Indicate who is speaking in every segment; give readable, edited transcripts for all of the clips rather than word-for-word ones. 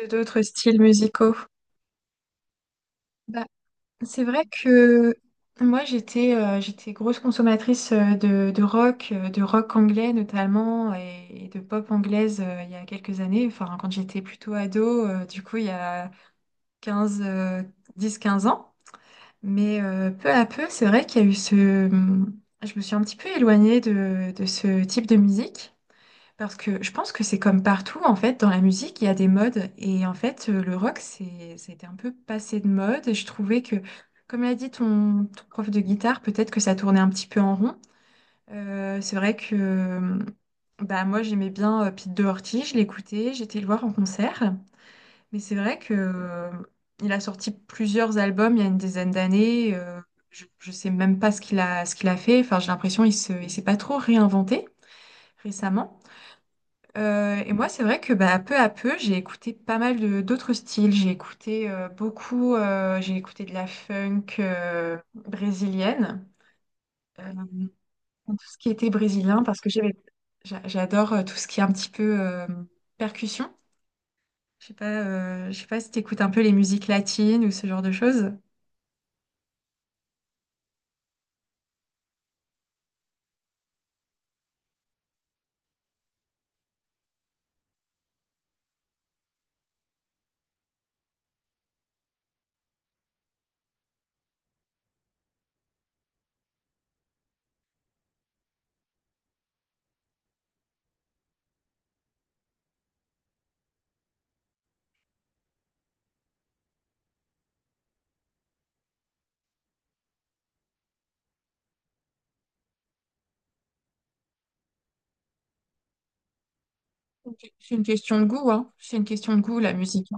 Speaker 1: D'autres styles musicaux? Bah, c'est vrai que moi j'étais grosse consommatrice de rock, de rock anglais notamment et de pop anglaise il y a quelques années, enfin quand j'étais plutôt ado, du coup il y a 15 10-15 ans. Mais peu à peu, c'est vrai qu'il y a eu je me suis un petit peu éloignée de ce type de musique. Parce que je pense que c'est comme partout, en fait, dans la musique, il y a des modes. Et en fait, le rock, ça a été un peu passé de mode. Et je trouvais que, comme l'a dit ton prof de guitare, peut-être que ça tournait un petit peu en rond. C'est vrai que bah, Moi, j'aimais bien Pete Doherty, je l'écoutais, j'étais le voir en concert. Mais c'est vrai que il a sorti plusieurs albums il y a une dizaine d'années. Je ne sais même pas ce qu'il a fait. Enfin, j'ai l'impression il s'est pas trop réinventé récemment. Et moi, c'est vrai que bah, peu à peu, j'ai écouté pas mal de d'autres styles. J'ai écouté j'ai écouté de la funk brésilienne, euh, tout ce qui était brésilien, parce que j'adore tout ce qui est un petit peu percussion. Je sais pas si t'écoutes un peu les musiques latines ou ce genre de choses. C'est une question de goût, hein. C'est une question de goût, la musique.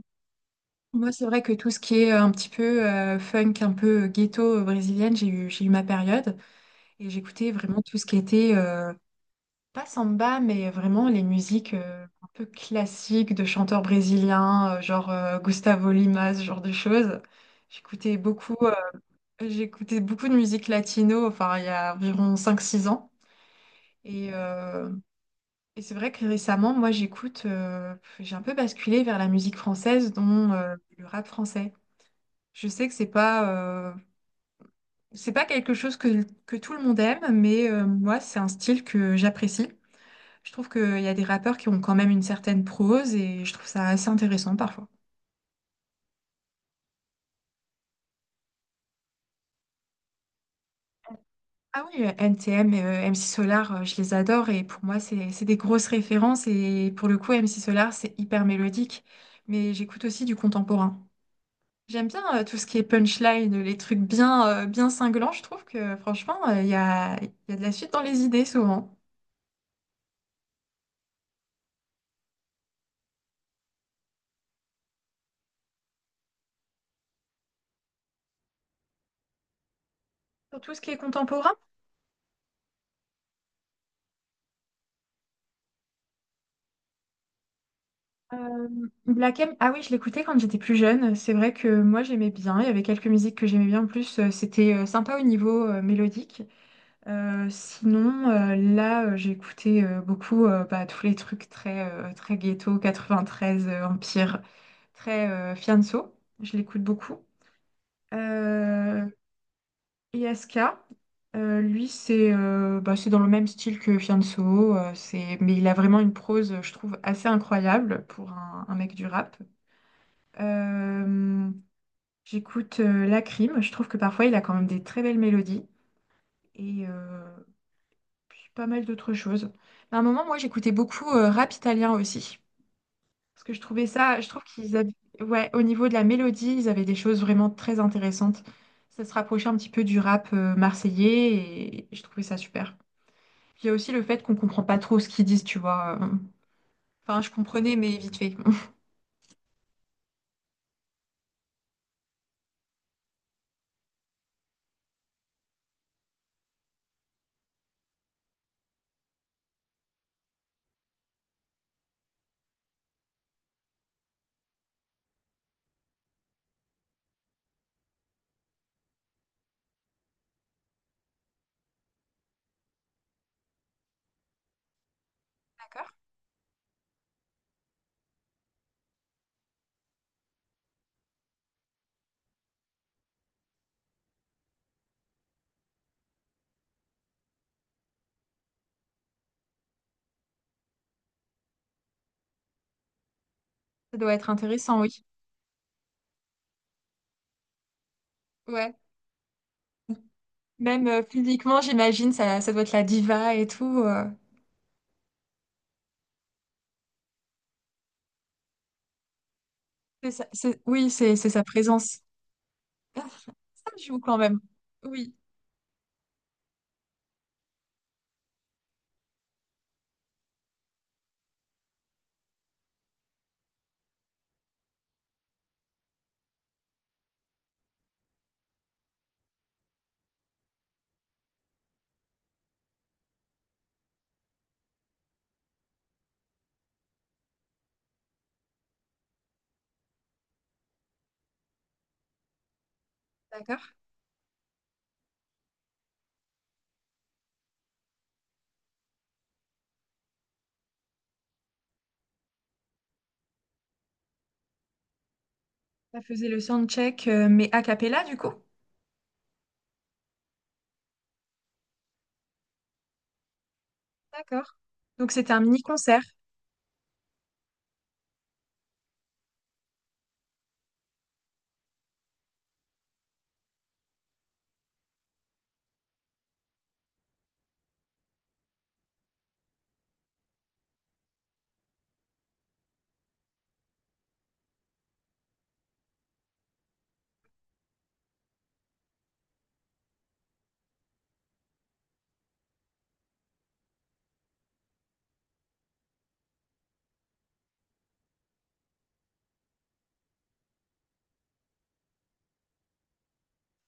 Speaker 1: Moi, c'est vrai que tout ce qui est un petit peu funk, un peu ghetto brésilienne, j'ai eu ma période. Et j'écoutais vraiment tout ce qui était, pas samba, mais vraiment les musiques un peu classiques de chanteurs brésiliens, Gustavo Lima, ce genre de choses. J'écoutais beaucoup, euh, j'écoutais beaucoup de musique latino, enfin, il y a environ cinq six ans. Et, euh, et c'est vrai que récemment, moi, j'ai un peu basculé vers la musique française, dont le rap français. Je sais que euh, c'est pas quelque chose que tout le monde aime, mais moi, c'est un style que j'apprécie. Je trouve qu'il y a des rappeurs qui ont quand même une certaine prose et je trouve ça assez intéressant parfois. Ah oui, NTM et MC Solar, je les adore et pour moi, c'est des grosses références et pour le coup, MC Solar, c'est hyper mélodique, mais j'écoute aussi du contemporain. J'aime bien tout ce qui est punchline, les trucs bien, bien cinglants, je trouve que franchement, il y a de la suite dans les idées souvent. Pour tout ce qui est contemporain, Euh, Black M, ah oui, je l'écoutais quand j'étais plus jeune. C'est vrai que moi j'aimais bien. Il y avait quelques musiques que j'aimais bien. En plus, c'était sympa au niveau mélodique. J'ai écouté beaucoup tous les trucs très ghetto, 93, Empire, très Fianso. Je l'écoute beaucoup. Euh, ISK, lui, c'est dans le même style que Fianso. Mais il a vraiment une prose, je trouve, assez incroyable pour un mec du rap. Euh, J'écoute La Crime. Je trouve que parfois il a quand même des très belles mélodies et euh, puis pas mal d'autres choses. Mais à un moment, moi, j'écoutais beaucoup rap italien aussi parce que je trouvais ça, je trouve ouais, au niveau de la mélodie, ils avaient des choses vraiment très intéressantes. Ça se rapprochait un petit peu du rap marseillais et je trouvais ça super. Puis il y a aussi le fait qu'on comprend pas trop ce qu'ils disent, tu vois. Enfin, je comprenais, mais vite fait. D'accord. Ça doit être intéressant, oui. Ouais. Même physiquement, j'imagine, ça doit être la diva et tout. Oui, c'est sa présence. Ah, ça joue quand même. Oui, d'accord. Ça faisait le soundcheck, mais a cappella du coup. D'accord. Donc c'était un mini-concert.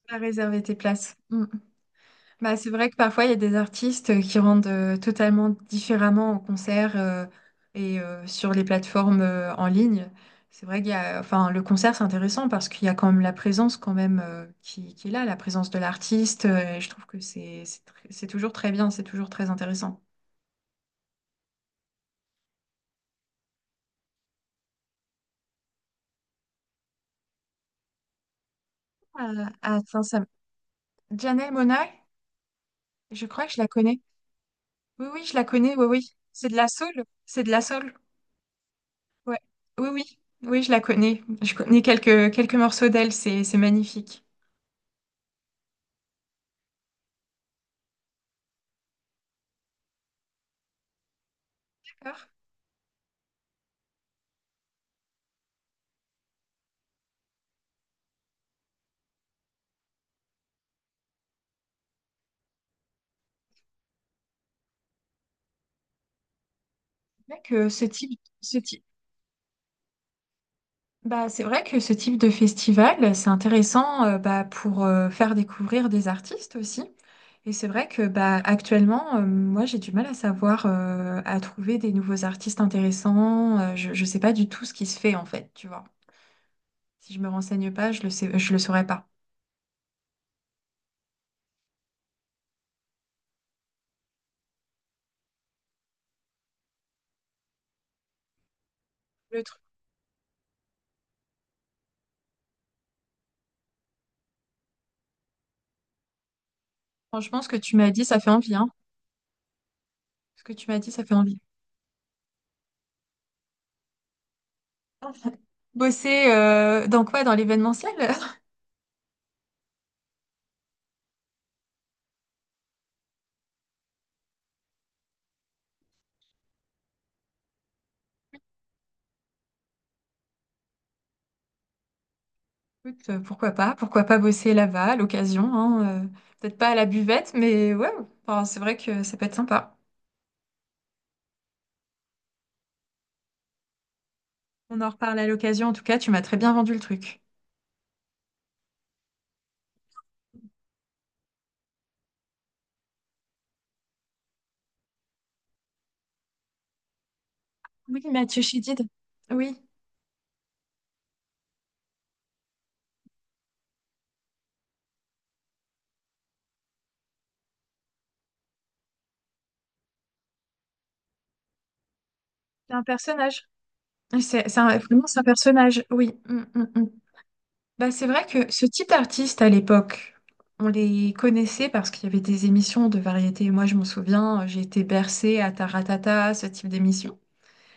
Speaker 1: À réserver tes places. Bah, c'est vrai que parfois il y a des artistes qui rendent totalement différemment en concert sur les plateformes en ligne. C'est vrai qu'il y a, enfin, le concert c'est intéressant parce qu'il y a quand même la présence quand même qui est là, la présence de l'artiste. Et je trouve que c'est toujours très bien, c'est toujours très intéressant. Ah, ah, tiens, ça me- Janelle Monáe, je crois que je la connais. Oui, oui, je la connais. Oui, oui, c'est de la soul, c'est de la soul. Ouais. Oui, oui, oui, je la connais. Je connais quelques morceaux d'elle. C'est magnifique. C'est vrai que ce type- Bah, c'est vrai que ce type de festival, c'est intéressant pour faire découvrir des artistes aussi. Et c'est vrai que bah, actuellement, moi, j'ai du mal à à trouver des nouveaux artistes intéressants. Je ne sais pas du tout ce qui se fait en fait, tu vois. Si je me renseigne pas, je le saurais pas. Le truc, franchement, ce que tu m'as dit, ça fait envie, hein. Ce que tu m'as dit, ça fait envie. Bosser dans quoi? Dans l'événementiel? Écoute, pourquoi pas? Pourquoi pas bosser là-bas à l'occasion, hein, peut-être pas à la buvette, mais ouais, enfin, c'est vrai que ça peut être sympa. On en reparle à l'occasion, en tout cas, tu m'as très bien vendu le truc. Oui, Mathieu Chédid, oui, c'est un personnage. C'est un personnage. Oui, mm, mm, mm. Bah, c'est vrai que ce type d'artiste à l'époque, on les connaissait parce qu'il y avait des émissions de variété. Moi, je m'en souviens, j'ai été bercée à Taratata, ce type d'émission.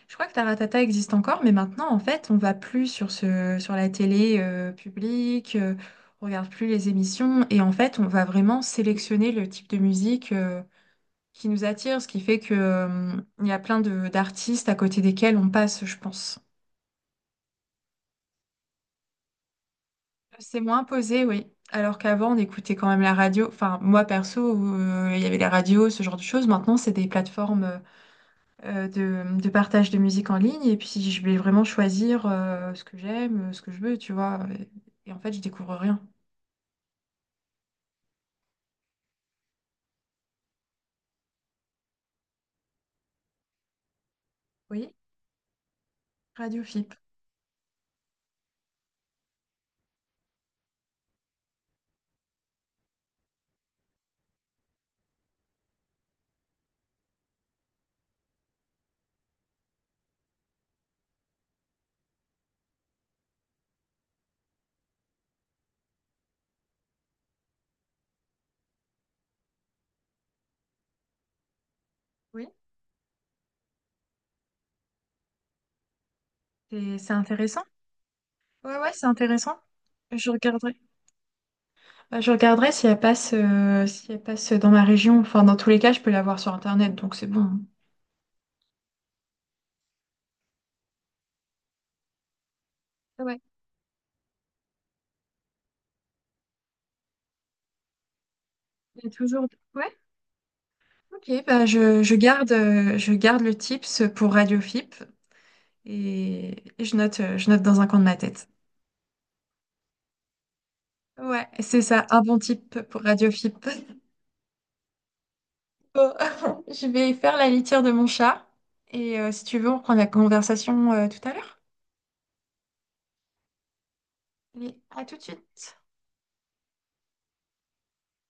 Speaker 1: Je crois que Taratata existe encore, mais maintenant, en fait, on va plus sur sur la télé publique, on regarde plus les émissions, et en fait, on va vraiment sélectionner le type de musique qui nous attire, ce qui fait que il y a plein de d'artistes à côté desquels on passe, je pense. C'est moins posé, oui. Alors qu'avant, on écoutait quand même la radio. Enfin, moi perso, il y avait la radio, ce genre de choses. Maintenant, c'est des plateformes, de partage de musique en ligne. Et puis, je vais vraiment choisir ce que ce que je veux, tu vois. Et en fait, je découvre rien. Oui, Radio FIP. Oui, c'est intéressant. Ouais, ouais, c'est intéressant. Je regarderai. Bah, je regarderai si elle si elle passe dans ma région. Enfin, dans tous les cas, je peux la voir sur Internet, donc c'est bon. Ah ouais, il y a toujours. Ouais, ok, bah je garde le tips pour Radio FIP et je note dans un coin de ma tête. Ouais, c'est ça, un bon type pour Radiofip. Bon, je vais faire la litière de mon chat et si tu veux, on reprend la conversation tout à l'heure. Allez, à tout de suite.